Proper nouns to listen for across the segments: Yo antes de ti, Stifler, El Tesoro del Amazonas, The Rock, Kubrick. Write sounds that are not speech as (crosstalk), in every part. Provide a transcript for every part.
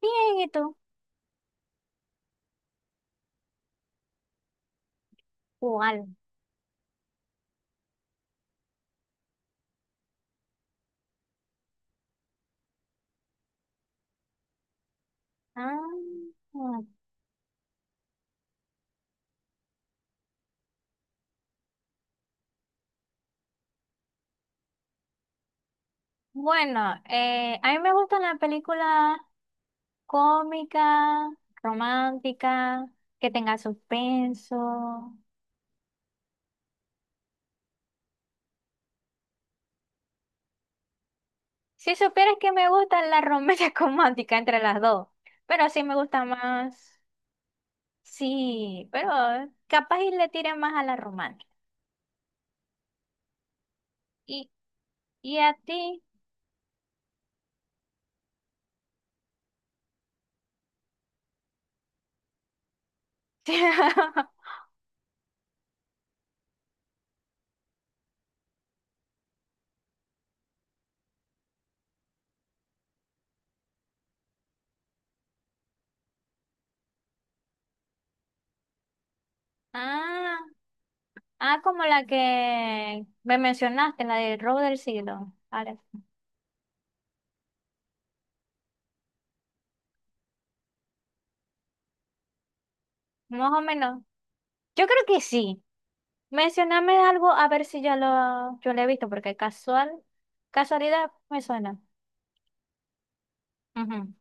Bien, ¿y tú? ¿Cuál? Ah, bueno, a mí me gustan las películas cómicas, románticas, que tengan suspenso. Si supieras que me gustan las románticas (laughs) románticas entre las dos, pero sí me gusta más, sí, pero capaz y le tire más a la romántica. ¿Y, y a ti? (laughs) Ah, ah, como la que me mencionaste, la de Robo del Siglo. Ahora. Más o menos. Yo creo que sí. Mencioname algo a ver si ya yo lo he visto, porque casual, casualidad me suena. Ujú.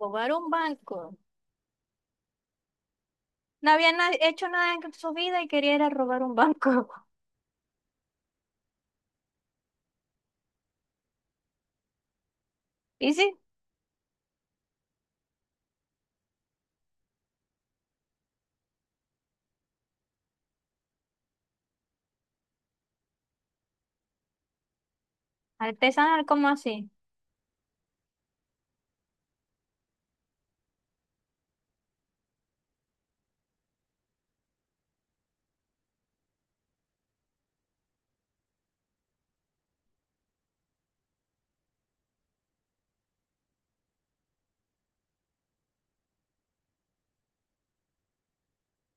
Robar un banco. No había na- hecho nada en su vida y quería ir a robar un banco. (laughs) Y sí, artesanal como así.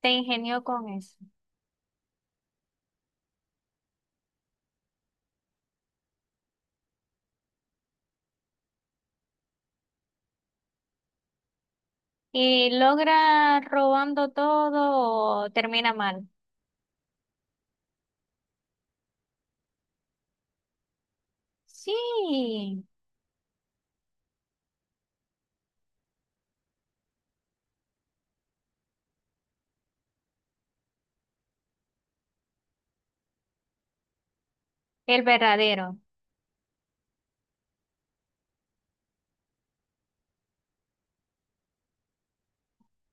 Se ingenió con eso. Y logra robando todo o termina mal. Sí, el verdadero.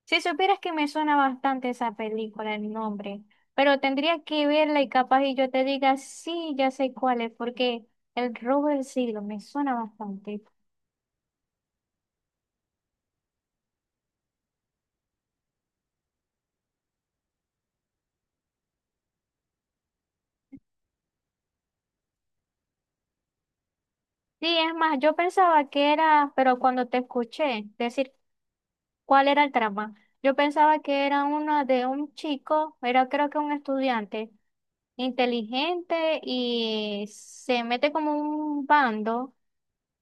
Si supieras que me suena bastante esa película, el nombre, pero tendría que verla y capaz y yo te diga, sí, ya sé cuál es, porque El robo del siglo me suena bastante. Sí, es más, yo pensaba que era, pero cuando te escuché decir cuál era el trama, yo pensaba que era una de un chico, era creo que un estudiante inteligente y se mete como un bando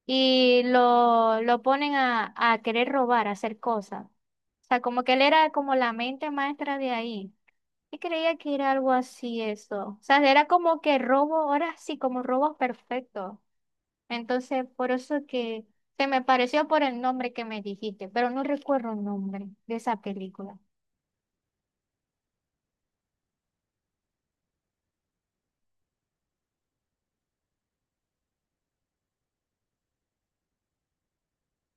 y lo ponen a querer robar, a hacer cosas. O sea, como que él era como la mente maestra de ahí. Y creía que era algo así eso. O sea, era como que robo, ahora sí, como robos perfectos. Entonces, por eso que se me pareció por el nombre que me dijiste, pero no recuerdo el nombre de esa película.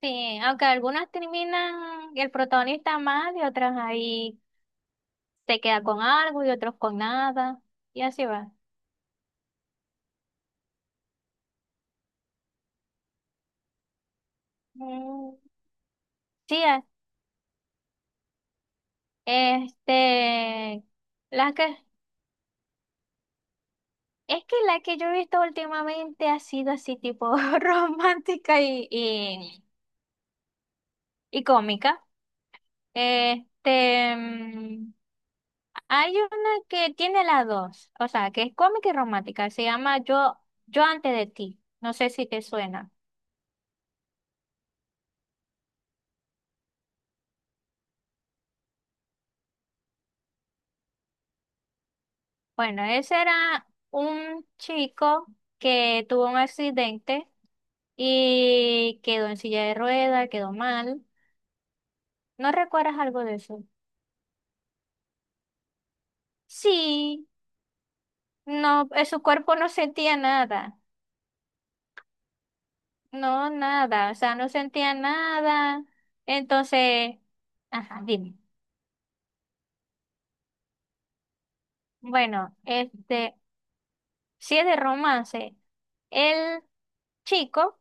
Sí, aunque algunas terminan el protagonista mal y otras ahí se queda con algo y otros con nada. Y así va. Mm, sí. Este, la que, es que la que yo he visto últimamente ha sido así tipo (laughs) romántica y cómica. Este, mm, Hay una que tiene las dos, o sea, que es cómica y romántica, se llama Yo, Yo antes de ti, no sé si te suena. Bueno, ese era un chico que tuvo un accidente y quedó en silla de ruedas, quedó mal. ¿No recuerdas algo de eso? Sí, no, su cuerpo no sentía nada, no nada, o sea, no sentía nada. Entonces, ajá, dime. Bueno, si es de romance, el chico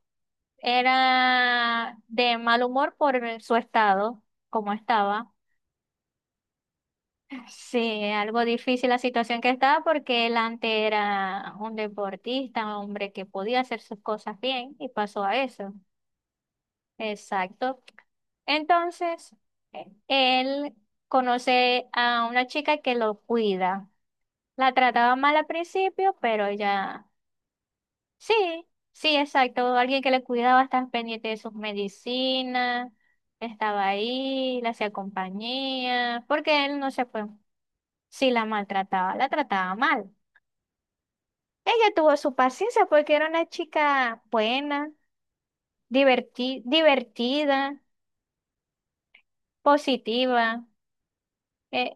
era de mal humor por el- su estado, como estaba. (laughs) Sí, algo difícil la situación que estaba porque él antes era un deportista, un hombre que podía hacer sus cosas bien y pasó a eso. Exacto. Entonces, él conoce a una chica que lo cuida. La trataba mal al principio, pero ella, sí, sí, exacto. Alguien que le cuidaba, estaba pendiente de sus medicinas, estaba ahí, le hacía compañía, porque él no se fue. Sí, la maltrataba, la trataba mal. Ella tuvo su paciencia porque era una chica buena, diverti- divertida, positiva. Eh,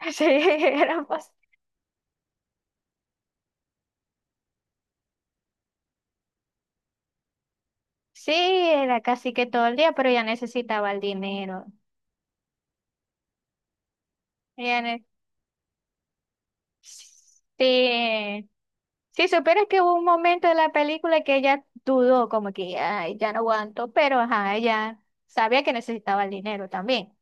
(laughs) Sí, era, pas- sí, era casi que todo el día, pero ella necesitaba el dinero. Ella ne- sí. Si supieras que hubo un momento de la película que ella dudó, como que ay, ya no aguanto, pero ajá, ella sabía que necesitaba el dinero también.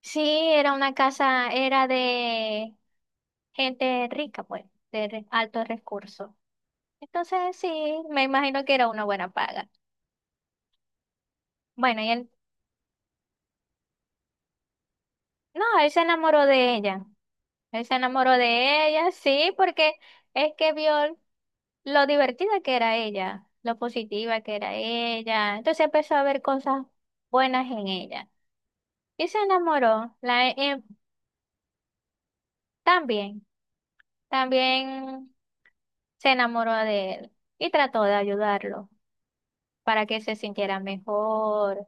Sí, era una casa, era de gente rica, pues, de re- altos recursos. Entonces, sí, me imagino que era una buena paga. Bueno, y él, no, él se enamoró de ella. Él se enamoró de ella, sí, porque es que vio lo divertida que era ella, lo positiva que era ella. Entonces empezó a ver cosas buenas en ella. Y se enamoró. También, también se enamoró de él y trató de ayudarlo para que se sintiera mejor,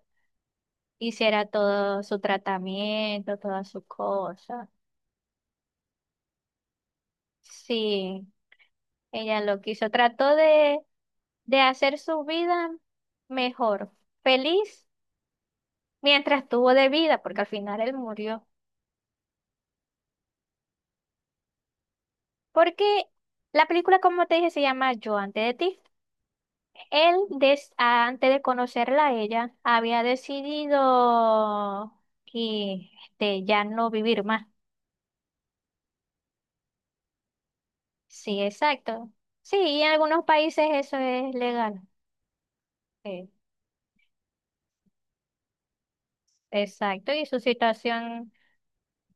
hiciera todo su tratamiento, todas sus cosas. Sí. Ella lo quiso, de hacer su vida mejor, feliz, mientras tuvo de vida, porque al final él murió. Porque la película, como te dije, se llama Yo antes de ti. Él, des- antes de conocerla a ella, había decidido que ya no vivir más. Sí, exacto. Sí, y en algunos países eso es legal. Sí, exacto, y su situación,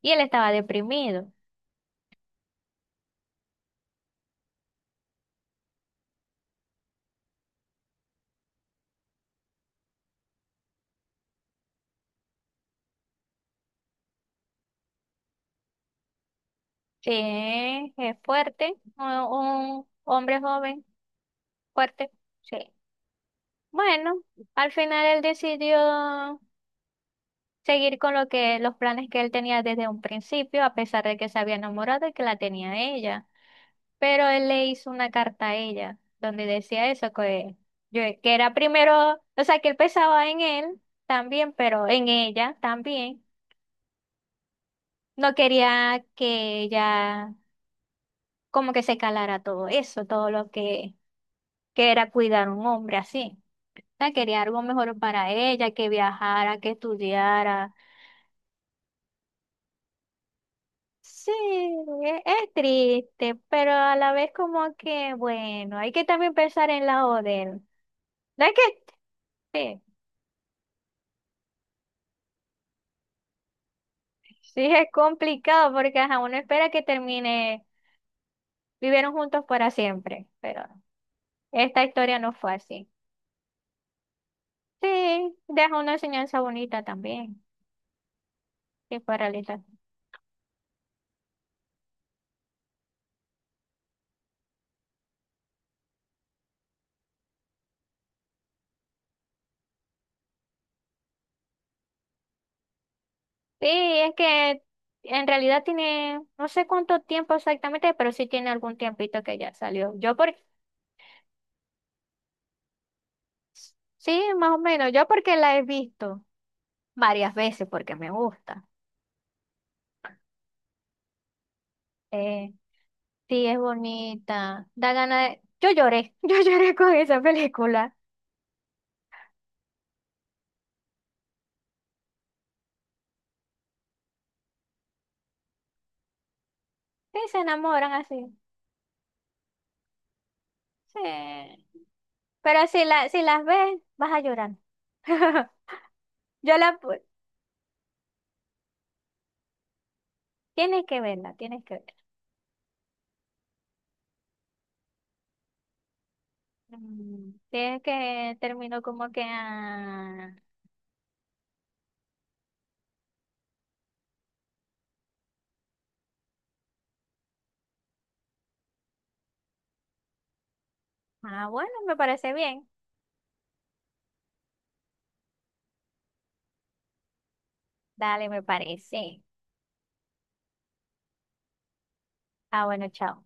y él estaba deprimido. Sí, es fuerte, un hombre joven, fuerte, sí. Bueno, al final él decidió seguir con lo que, los planes que él tenía desde un principio, a pesar de que se había enamorado y que la tenía ella. Pero él le hizo una carta a ella, donde decía eso, que, yo, que era primero, o sea, que él pensaba en él también, pero en ella también. No quería que ella como que se calara todo eso, todo lo que era cuidar a un hombre así. O sea, quería algo mejor para ella, que viajara, que estudiara. Sí, e- es triste, pero a la vez como que, bueno, hay que también pensar en la de él. ¿No es que sí, sí es complicado porque ajá, uno espera que termine, vivieron juntos para siempre, pero esta historia no fue así. Sí, deja una enseñanza bonita también, que para sí, es que en realidad tiene, no sé cuánto tiempo exactamente, pero sí tiene algún tiempito que ya salió. Yo por, sí, más o menos, yo porque la he visto varias veces porque me gusta. Eh, sí, es bonita, da ganas de... Yo lloré, (laughs) yo lloré con esa película. Sí, se enamoran así. Sí. Pero si, la, si las ves, vas a llorar. (laughs) Yo la... pu- Tienes que verla, tienes que verla. Mm, tienes que termino como que... ah, ah, bueno, me parece bien. Dale, me parece. Ah, bueno, chao.